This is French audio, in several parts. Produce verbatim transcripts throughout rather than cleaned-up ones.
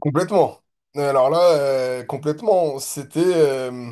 Complètement. Euh, Alors là, euh, complètement, c'était euh,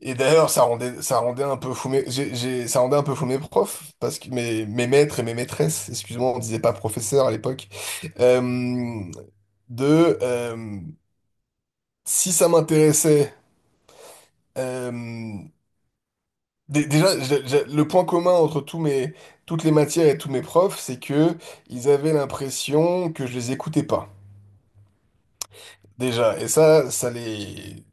et d'ailleurs ça rendait ça rendait un peu fou mes j'ai, j'ai- ça rendait un peu fou mes profs parce que mes, mes maîtres et mes maîtresses, excuse-moi, on disait pas professeur à l'époque, euh, de euh, si ça m'intéressait, euh, dé- déjà j'ai- j'ai- le point commun entre tous mes toutes les matières et tous mes profs, c'est que ils avaient l'impression que je les écoutais pas déjà et ça ça les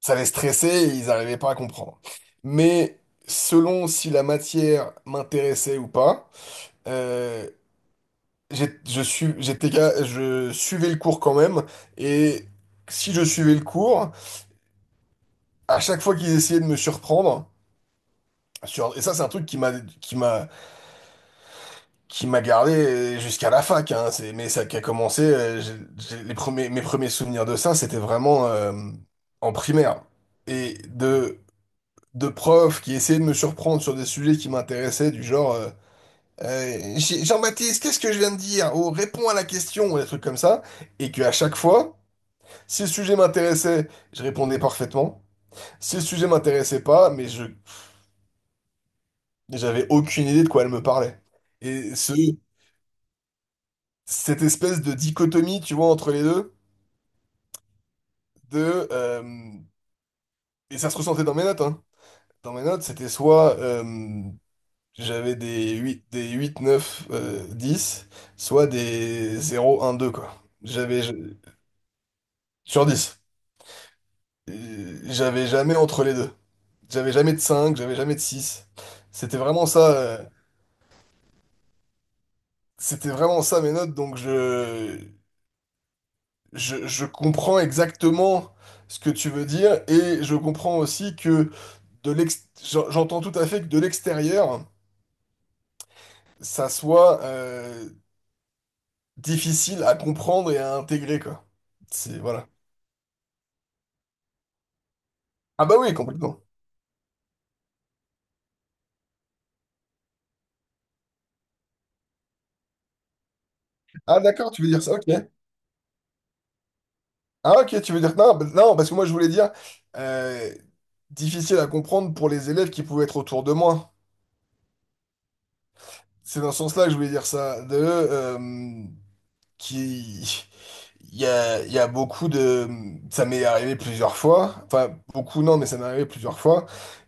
ça les stressait et ils n'arrivaient pas à comprendre. Mais selon si la matière m'intéressait ou pas, euh, j'ai- je su- j'étais, ga- je suivais le cours quand même. Et si je suivais le cours, à chaque fois qu'ils essayaient de me surprendre, sur- et ça c'est un truc qui m'a qui m'a qui m'a gardé euh, jusqu'à la fac, hein, c'est, mais ça qui a commencé. Euh, j'ai- j'ai- les premiers, mes premiers souvenirs de ça, c'était vraiment euh, en primaire. Et de de profs qui essayaient de me surprendre sur des sujets qui m'intéressaient, du genre euh, euh, J- Jean-Baptiste, qu'est-ce que je viens de dire? Oh, réponds à la question, ou des trucs comme ça. Et que à chaque fois, si le sujet m'intéressait, je répondais parfaitement. Si le sujet m'intéressait pas, mais je j'avais aucune idée de quoi elle me parlait. Et ce, cette espèce de dichotomie, tu vois, entre les deux, de euh, et ça se ressentait dans mes notes, hein. Dans mes notes, c'était soit euh, j'avais des huit des huit neuf, euh, dix, soit des zéro, un, deux, quoi. J'avais, je- sur dix. Euh, J'avais jamais entre les deux. J'avais jamais de cinq, j'avais jamais de six. C'était vraiment ça, euh, c'était vraiment ça mes notes, donc je, je, je comprends exactement ce que tu veux dire, et je comprends aussi que de l'ex, j'en- j'entends tout à fait que de l'extérieur, ça soit, euh, difficile à comprendre et à intégrer, quoi. C'est, voilà. Ah bah oui, complètement. Ah d'accord, tu veux dire ça, ok. Ah ok, tu veux dire... Non, bah- non parce que moi je voulais dire, euh, difficile à comprendre pour les élèves qui pouvaient être autour de moi. C'est dans ce sens-là que je voulais dire ça. De, euh, qui il y a, il y a beaucoup de ça m'est arrivé plusieurs fois, enfin beaucoup non mais ça m'est arrivé plusieurs fois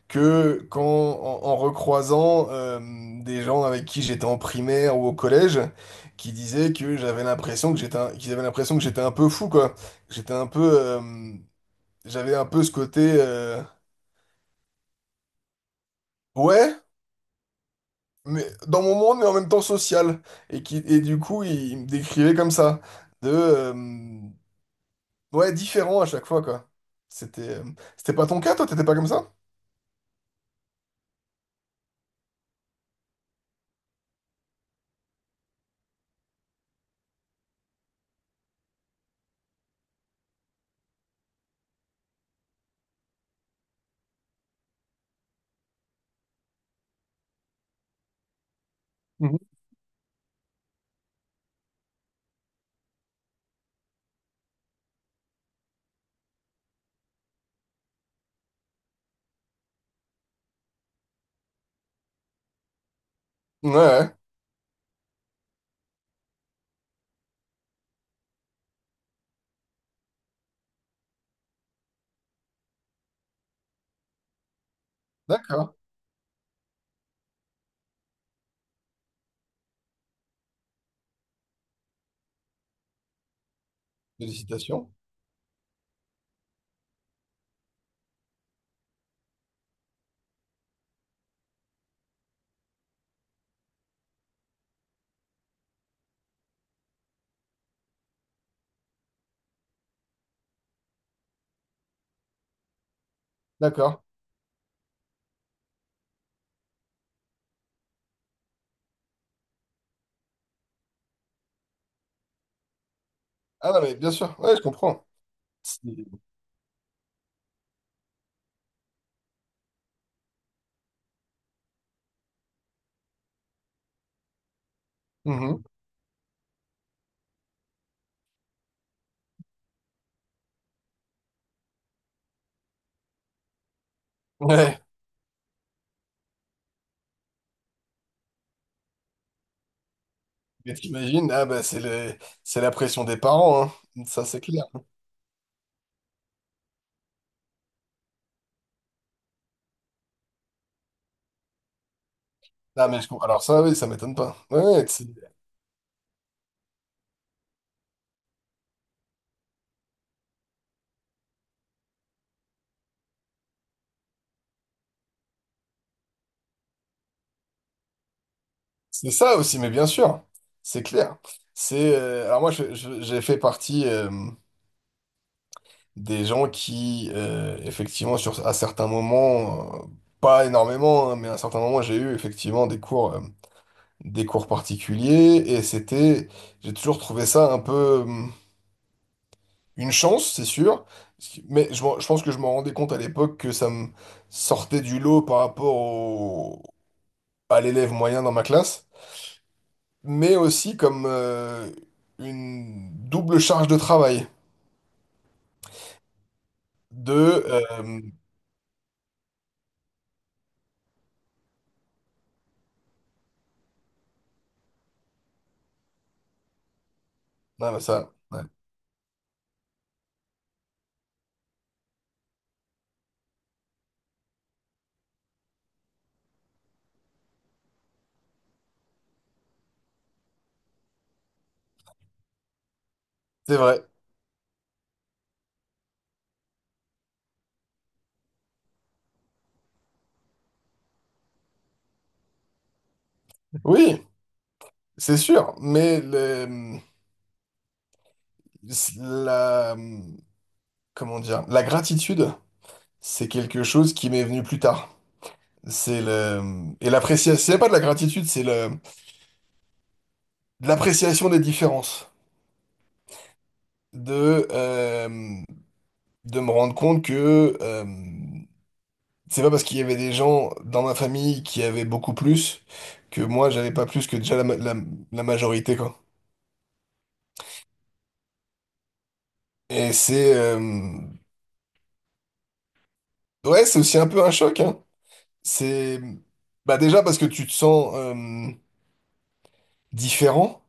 que quand en, en recroisant euh, des gens avec qui j'étais en primaire ou au collège qui disaient que j'avais l'impression que j'étais un- qu'ils avaient l'impression que j'étais un peu fou quoi, j'étais un peu, euh, j'avais un peu ce côté, euh, ouais, mais dans mon monde mais en même temps social et qui et du coup ils, ils me décrivaient comme ça, de euh, ouais, différent à chaque fois, quoi. C'était euh, C'était pas ton cas, toi? T'étais pas comme ça? Mhm. Ouais, ouais. D'accord. Félicitations. D'accord. Ah non, mais bien sûr. Ouais, je comprends. C'est- Mhm. Ouais. Mais t'imagines, ah bah c'est le... c'est la pression des parents, hein. Ça, c'est clair. Ah, mais je comprends. Alors ça, oui, ça m'étonne pas. Ouais, ouais, c'est c'est ça aussi, mais bien sûr. C'est clair. C'est... euh, Alors moi, je- je- j'ai fait partie... euh, des gens qui, euh, effectivement, sur, à certains moments, euh, pas énormément, hein, mais à certains moments, j'ai eu effectivement des cours, euh, des cours particuliers, et c'était, j'ai toujours trouvé ça un peu, hum, une chance, c'est sûr, parce que- mais je, m'en- je pense que je m'en rendais compte à l'époque que ça me sortait du lot par rapport au, à l'élève moyen dans ma classe, mais aussi comme, euh, une double charge de travail, de, euh, non, mais ça, ouais, c'est vrai. Oui, c'est sûr, mais le- hum, la, hum, comment dire, la gratitude, c'est quelque chose qui m'est venu plus tard. C'est le, hum, et l'appréciation, c'est pas de la gratitude, c'est le, de l'appréciation des différences. De, euh, de me rendre compte que, euh, c'est pas parce qu'il y avait des gens dans ma famille qui avaient beaucoup plus que moi j'avais pas plus que déjà la, ma- la- la majorité, quoi. Et c'est, euh, ouais, c'est aussi un peu un choc, hein. C'est bah déjà parce que tu te sens, euh, différent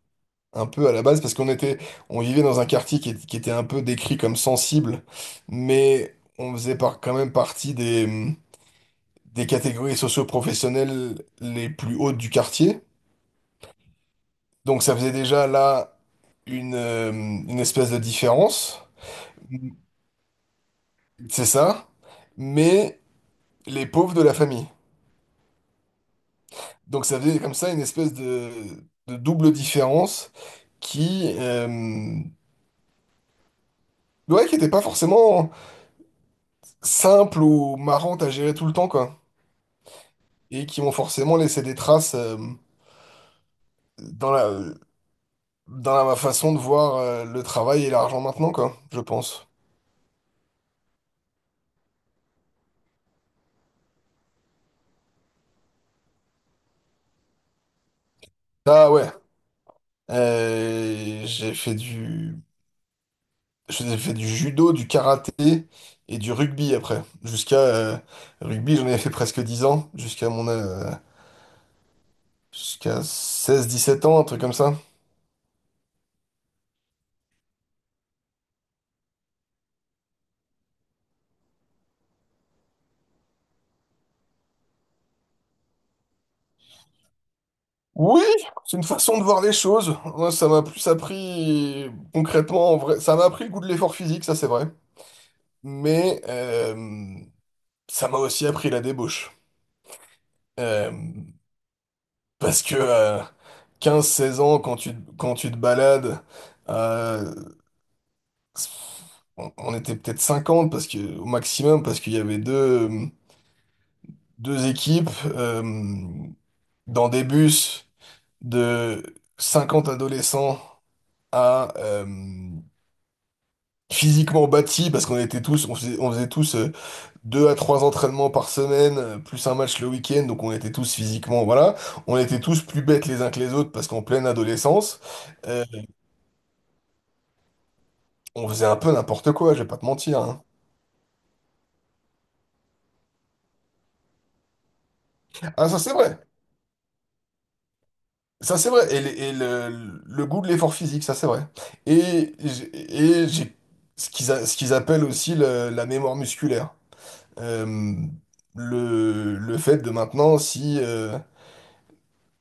un peu à la base parce qu'on était on vivait dans un quartier qui, est- qui était un peu décrit comme sensible, mais on faisait par, quand même partie des des catégories socio-professionnelles les plus hautes du quartier. Donc ça faisait déjà là une, euh, une espèce de différence. C'est ça. Mais les pauvres de la famille. Donc ça faisait comme ça une espèce de, de double différence qui, euh, ouais, qui était pas forcément simple ou marrante à gérer tout le temps, quoi. Et qui m'ont forcément laissé des traces, euh, dans la, dans la façon de voir, euh, le travail et l'argent maintenant, quoi, je pense. Ah ouais, euh, j'ai fait du, j'ai fait du judo, du karaté et du rugby après. Jusqu'à euh, Rugby, j'en ai fait presque dix ans, jusqu'à mon, euh, jusqu'à seize dix-sept ans, un truc comme ça. Oui, c'est une façon de voir les choses. Moi, ça m'a plus appris concrètement, en vrai. Ça m'a appris le goût de l'effort physique, ça c'est vrai. Mais euh, ça m'a aussi appris la débauche. Euh, parce que euh, Quinze seize ans, quand tu, quand tu te balades, euh, on on était peut-être cinquante parce que, au maximum, parce qu'il y avait deux, deux équipes, euh, dans des bus de cinquante adolescents, à euh, physiquement bâti parce qu'on était tous, on faisait, on faisait tous, euh, deux à trois entraînements par semaine, euh, plus un match le week-end, donc on était tous physiquement, voilà, on était tous plus bêtes les uns que les autres parce qu'en pleine adolescence, euh, on faisait un peu n'importe quoi, je vais pas te mentir, hein. Ah ça c'est vrai. Ça c'est vrai, et, le, et le- le goût de l'effort physique, ça c'est vrai. Et j'ai et j'ai ce qu'ils a- ce qu'ils appellent aussi le- la mémoire musculaire. Euh, le, le fait de maintenant, si, euh,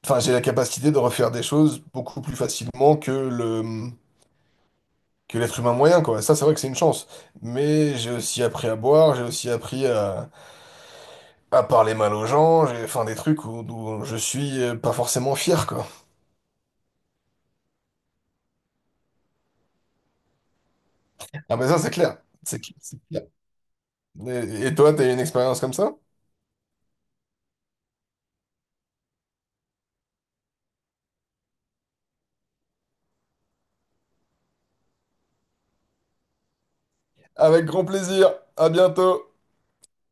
enfin, j'ai la capacité de refaire des choses beaucoup plus facilement que le, que l'être humain moyen, quoi. Ça, c'est vrai que c'est une chance. Mais j'ai aussi appris à boire, j'ai aussi appris à, à parler mal aux gens, j'ai, enfin, des trucs où, où je suis, euh, pas forcément fier, quoi. Ah, mais ça, c'est clair. C'est cl- c'est clair. Et, et toi, t'as eu une expérience comme ça? Avec grand plaisir. À bientôt.